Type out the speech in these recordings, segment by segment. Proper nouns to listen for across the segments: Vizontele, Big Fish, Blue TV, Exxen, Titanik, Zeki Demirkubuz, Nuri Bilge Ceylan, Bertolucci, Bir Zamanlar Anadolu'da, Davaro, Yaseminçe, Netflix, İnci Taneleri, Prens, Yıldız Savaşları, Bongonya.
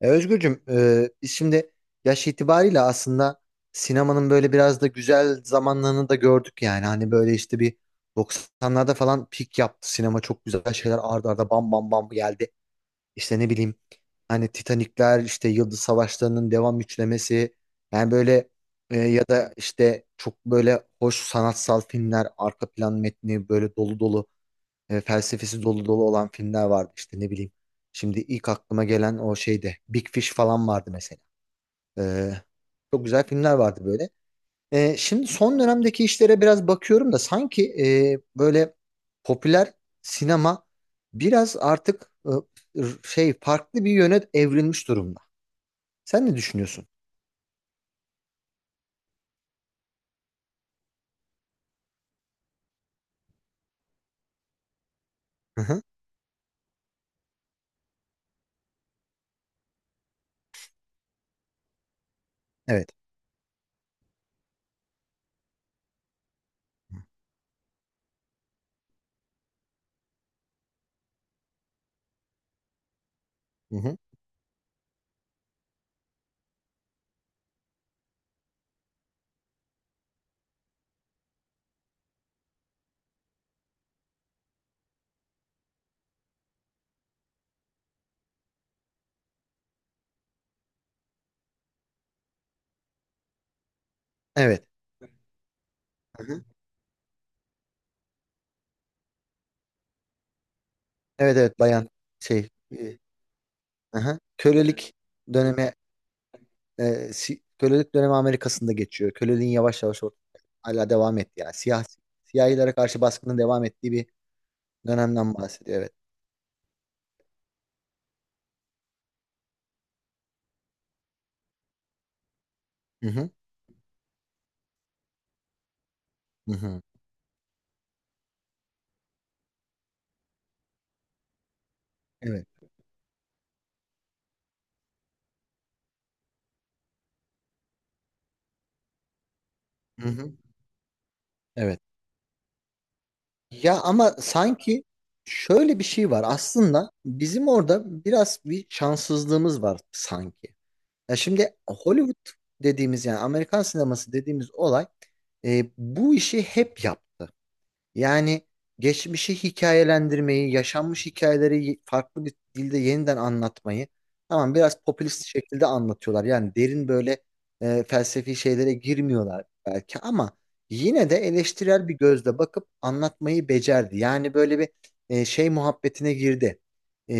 E, Özgürcüm, biz şimdi yaş itibariyle aslında sinemanın böyle biraz da güzel zamanlarını da gördük yani. Hani böyle işte bir doksanlarda falan pik yaptı. Sinema çok güzel şeyler ardarda arda bam bam bam geldi. İşte ne bileyim hani Titanikler, işte Yıldız Savaşları'nın devam üçlemesi. Yani böyle ya da işte çok böyle hoş sanatsal filmler, arka plan metni böyle dolu dolu, felsefesi dolu dolu olan filmler vardı işte ne bileyim. Şimdi ilk aklıma gelen o şeyde Big Fish falan vardı mesela. E, çok güzel filmler vardı böyle. E, şimdi son dönemdeki işlere biraz bakıyorum da sanki böyle popüler sinema biraz artık e, şey farklı bir yöne evrilmiş durumda. Sen ne düşünüyorsun? Hı hı. Evet. Hı hı. Evet. Hı hı. Evet evet, bayan şey, hı hı. Kölelik dönemi, kölelik dönemi Amerika'sında geçiyor. Köleliğin yavaş yavaş ortaya hala devam etti yani. Siyahilere karşı baskının devam ettiği bir dönemden bahsediyor, evet. Hı hı. Hı hı. Evet. Hı hı. Evet. Ya ama sanki şöyle bir şey var. Aslında bizim orada biraz bir şanssızlığımız var sanki. Ya şimdi Hollywood dediğimiz, yani Amerikan sineması dediğimiz olay, bu işi hep yaptı. Yani geçmişi hikayelendirmeyi, yaşanmış hikayeleri farklı bir dilde yeniden anlatmayı, tamam biraz popülist şekilde anlatıyorlar. Yani derin böyle felsefi şeylere girmiyorlar belki ama yine de eleştirel bir gözle bakıp anlatmayı becerdi. Yani böyle bir şey muhabbetine girdi. E,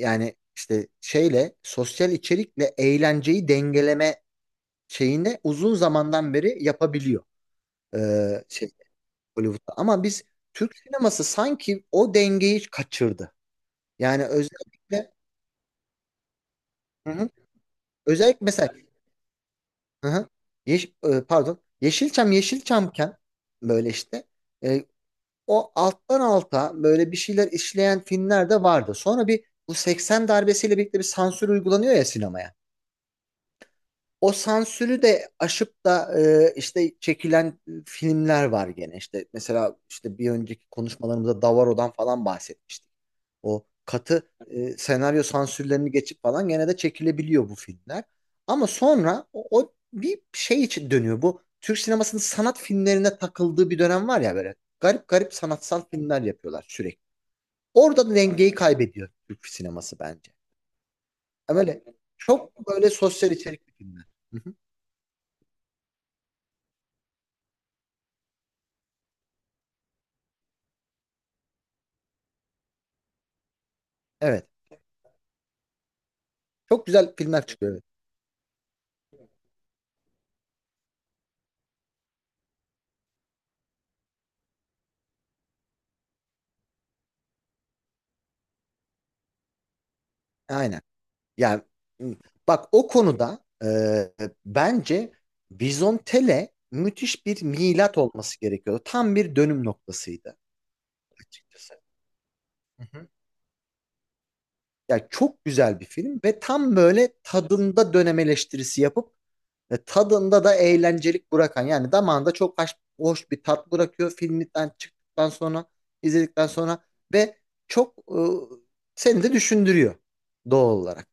yani işte şeyle, sosyal içerikle eğlenceyi dengeleme şeyini uzun zamandan beri yapabiliyor. E, şey, Hollywood'da. Ama biz Türk sineması sanki o dengeyi kaçırdı. Yani özellikle, hı hı, özellikle mesela, hı hı, pardon, Yeşilçamken böyle işte e, o alttan alta böyle bir şeyler işleyen filmler de vardı. Sonra bir bu 80 darbesiyle birlikte bir sansür uygulanıyor ya sinemaya. O sansürü de aşıp da işte çekilen filmler var gene. İşte mesela işte bir önceki konuşmalarımızda Davaro'dan falan bahsetmiştik. O katı senaryo sansürlerini geçip falan gene de çekilebiliyor bu filmler. Ama sonra o bir şey için dönüyor. Bu Türk sinemasının sanat filmlerine takıldığı bir dönem var ya böyle. Garip garip sanatsal filmler yapıyorlar sürekli. Orada da dengeyi kaybediyor Türk sineması bence. E böyle, çok böyle sosyal içerikli filmler. Hı hı. Evet. Çok güzel filmler çıkıyor. Evet. Aynen. Yani, m, bak o konuda, e, bence Vizontele müthiş bir milat olması gerekiyordu. Tam bir dönüm noktasıydı açıkçası. Hı hı. Yani çok güzel bir film ve tam böyle tadında dönem eleştirisi yapıp tadında da eğlencelik bırakan, yani damağında çok hoş, hoş bir tat bırakıyor filmden çıktıktan sonra, izledikten sonra, ve çok seni de düşündürüyor doğal olarak.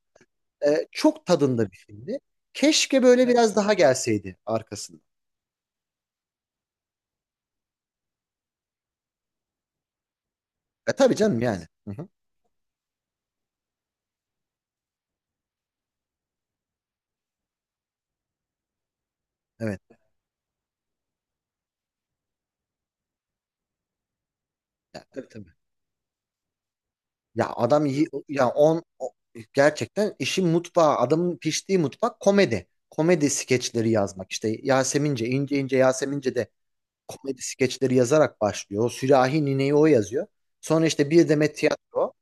E, çok tadında bir filmdi. Keşke böyle biraz daha gelseydi arkasında. E tabii canım yani. Hı hı. Evet. Ya, tabii tabii. Ya adam iyi ya, gerçekten işin mutfağı, adamın piştiği mutfak komedi. Komedi skeçleri yazmak, işte Yasemince, ince ince Yasemince de komedi skeçleri yazarak başlıyor. O sürahi nineyi o yazıyor. Sonra işte bir demet tiyatro.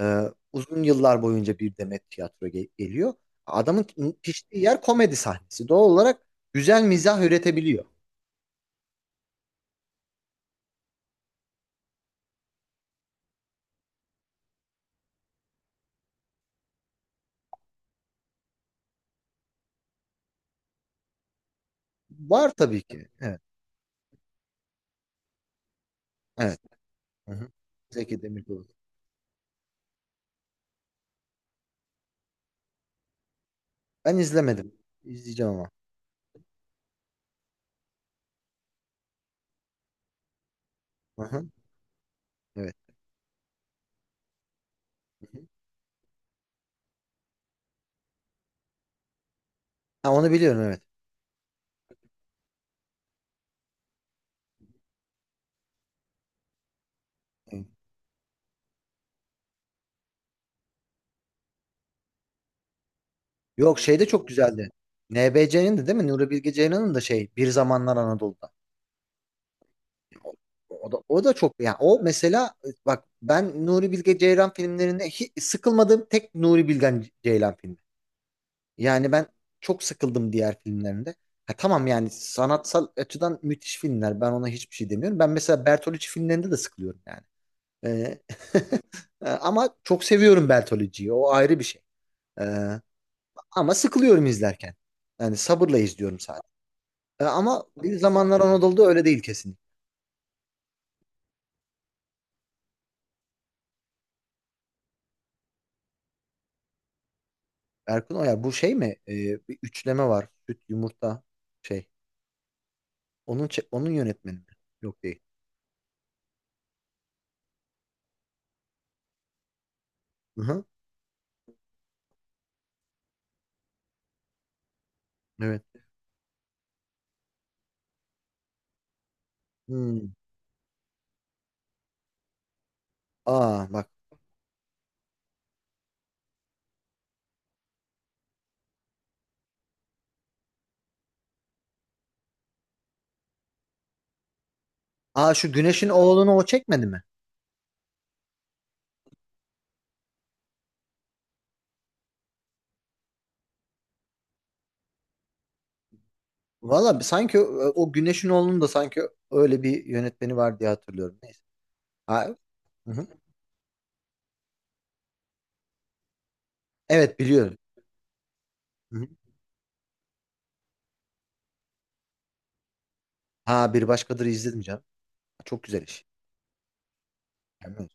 Ee, uzun yıllar boyunca bir demet tiyatro geliyor. Adamın piştiği yer komedi sahnesi. Doğal olarak güzel mizah üretebiliyor. Var tabii ki. Evet. Evet. Hı hı. Zeki Demirkubuz. Ben izlemedim. İzleyeceğim ama. Hı hı. Evet. Hı hı. Ha, onu biliyorum, evet. Hı. Yok şey, de çok güzeldi. NBC'nin de değil mi? Nuri Bilge Ceylan'ın da şey, Bir Zamanlar Anadolu'da. O, o da çok, yani o mesela, bak, ben Nuri Bilge Ceylan filmlerinde hiç sıkılmadığım tek Nuri Bilge Ceylan filmi. Yani ben çok sıkıldım diğer filmlerinde. Ha, tamam, yani sanatsal açıdan müthiş filmler. Ben ona hiçbir şey demiyorum. Ben mesela Bertolucci filmlerinde de sıkılıyorum yani. Ee, ama çok seviyorum Bertolucci'yi. O ayrı bir şey. Ee, ama sıkılıyorum izlerken. Yani sabırla izliyorum sadece. Ama Bir Zamanlar Anadolu'da öyle değil kesin. Erkun Oya bu şey mi? Bir üçleme var. Süt, yumurta, şey. Onun onun yönetmeni mi? Yok değil. Hı-hı. Evet. Hmm. Aa bak. Aa, şu Güneş'in oğlunu o çekmedi mi? Valla sanki o, Güneş'in oğlunun da sanki öyle bir yönetmeni var diye hatırlıyorum. Neyse. Ha, hı hı. Evet, biliyorum. Hı hı. Ha, bir başkadır izledim canım. Çok güzel iş. Yani,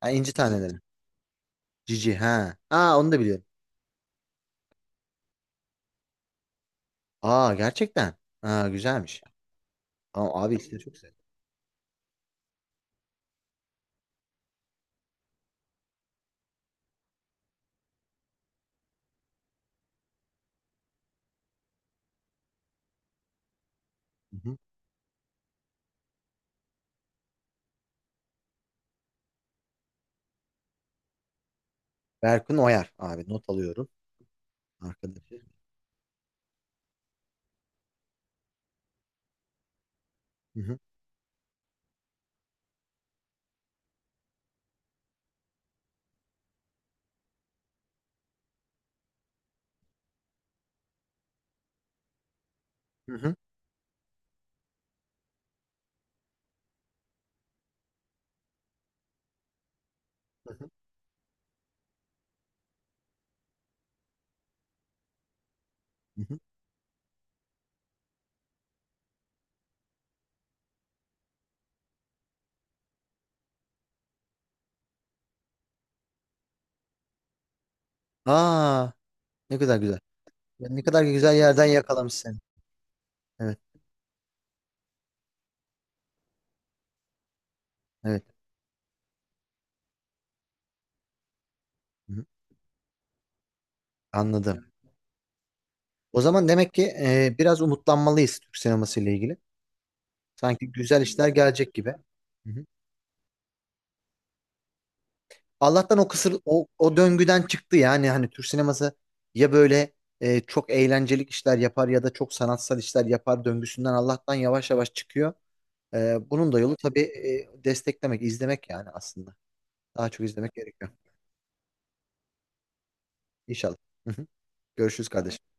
ha, İnci Taneleri. Cici, ha. Aa, onu da biliyorum. Aa, gerçekten. Ha, güzelmiş. Ama abi işte çok güzel. Hı hı. Berkun Oyar abi, not alıyorum. Arkadaşı. Hı hı. Hı hı. Hı hı. Hı hı. Aa, ne kadar güzel. Ya, ne kadar güzel yerden yakalamış seni. Evet evet. Hı hı. Anladım. O zaman demek ki, biraz umutlanmalıyız Türk sineması ile ilgili. Sanki güzel işler gelecek gibi. Hı hı. Allah'tan o kısır, o döngüden çıktı yani, hani Türk sineması ya böyle çok eğlencelik işler yapar ya da çok sanatsal işler yapar döngüsünden, Allah'tan yavaş yavaş çıkıyor. E, bunun da yolu tabii desteklemek, izlemek yani aslında. Daha çok izlemek gerekiyor. İnşallah. Hı hı. Görüşürüz kardeşim.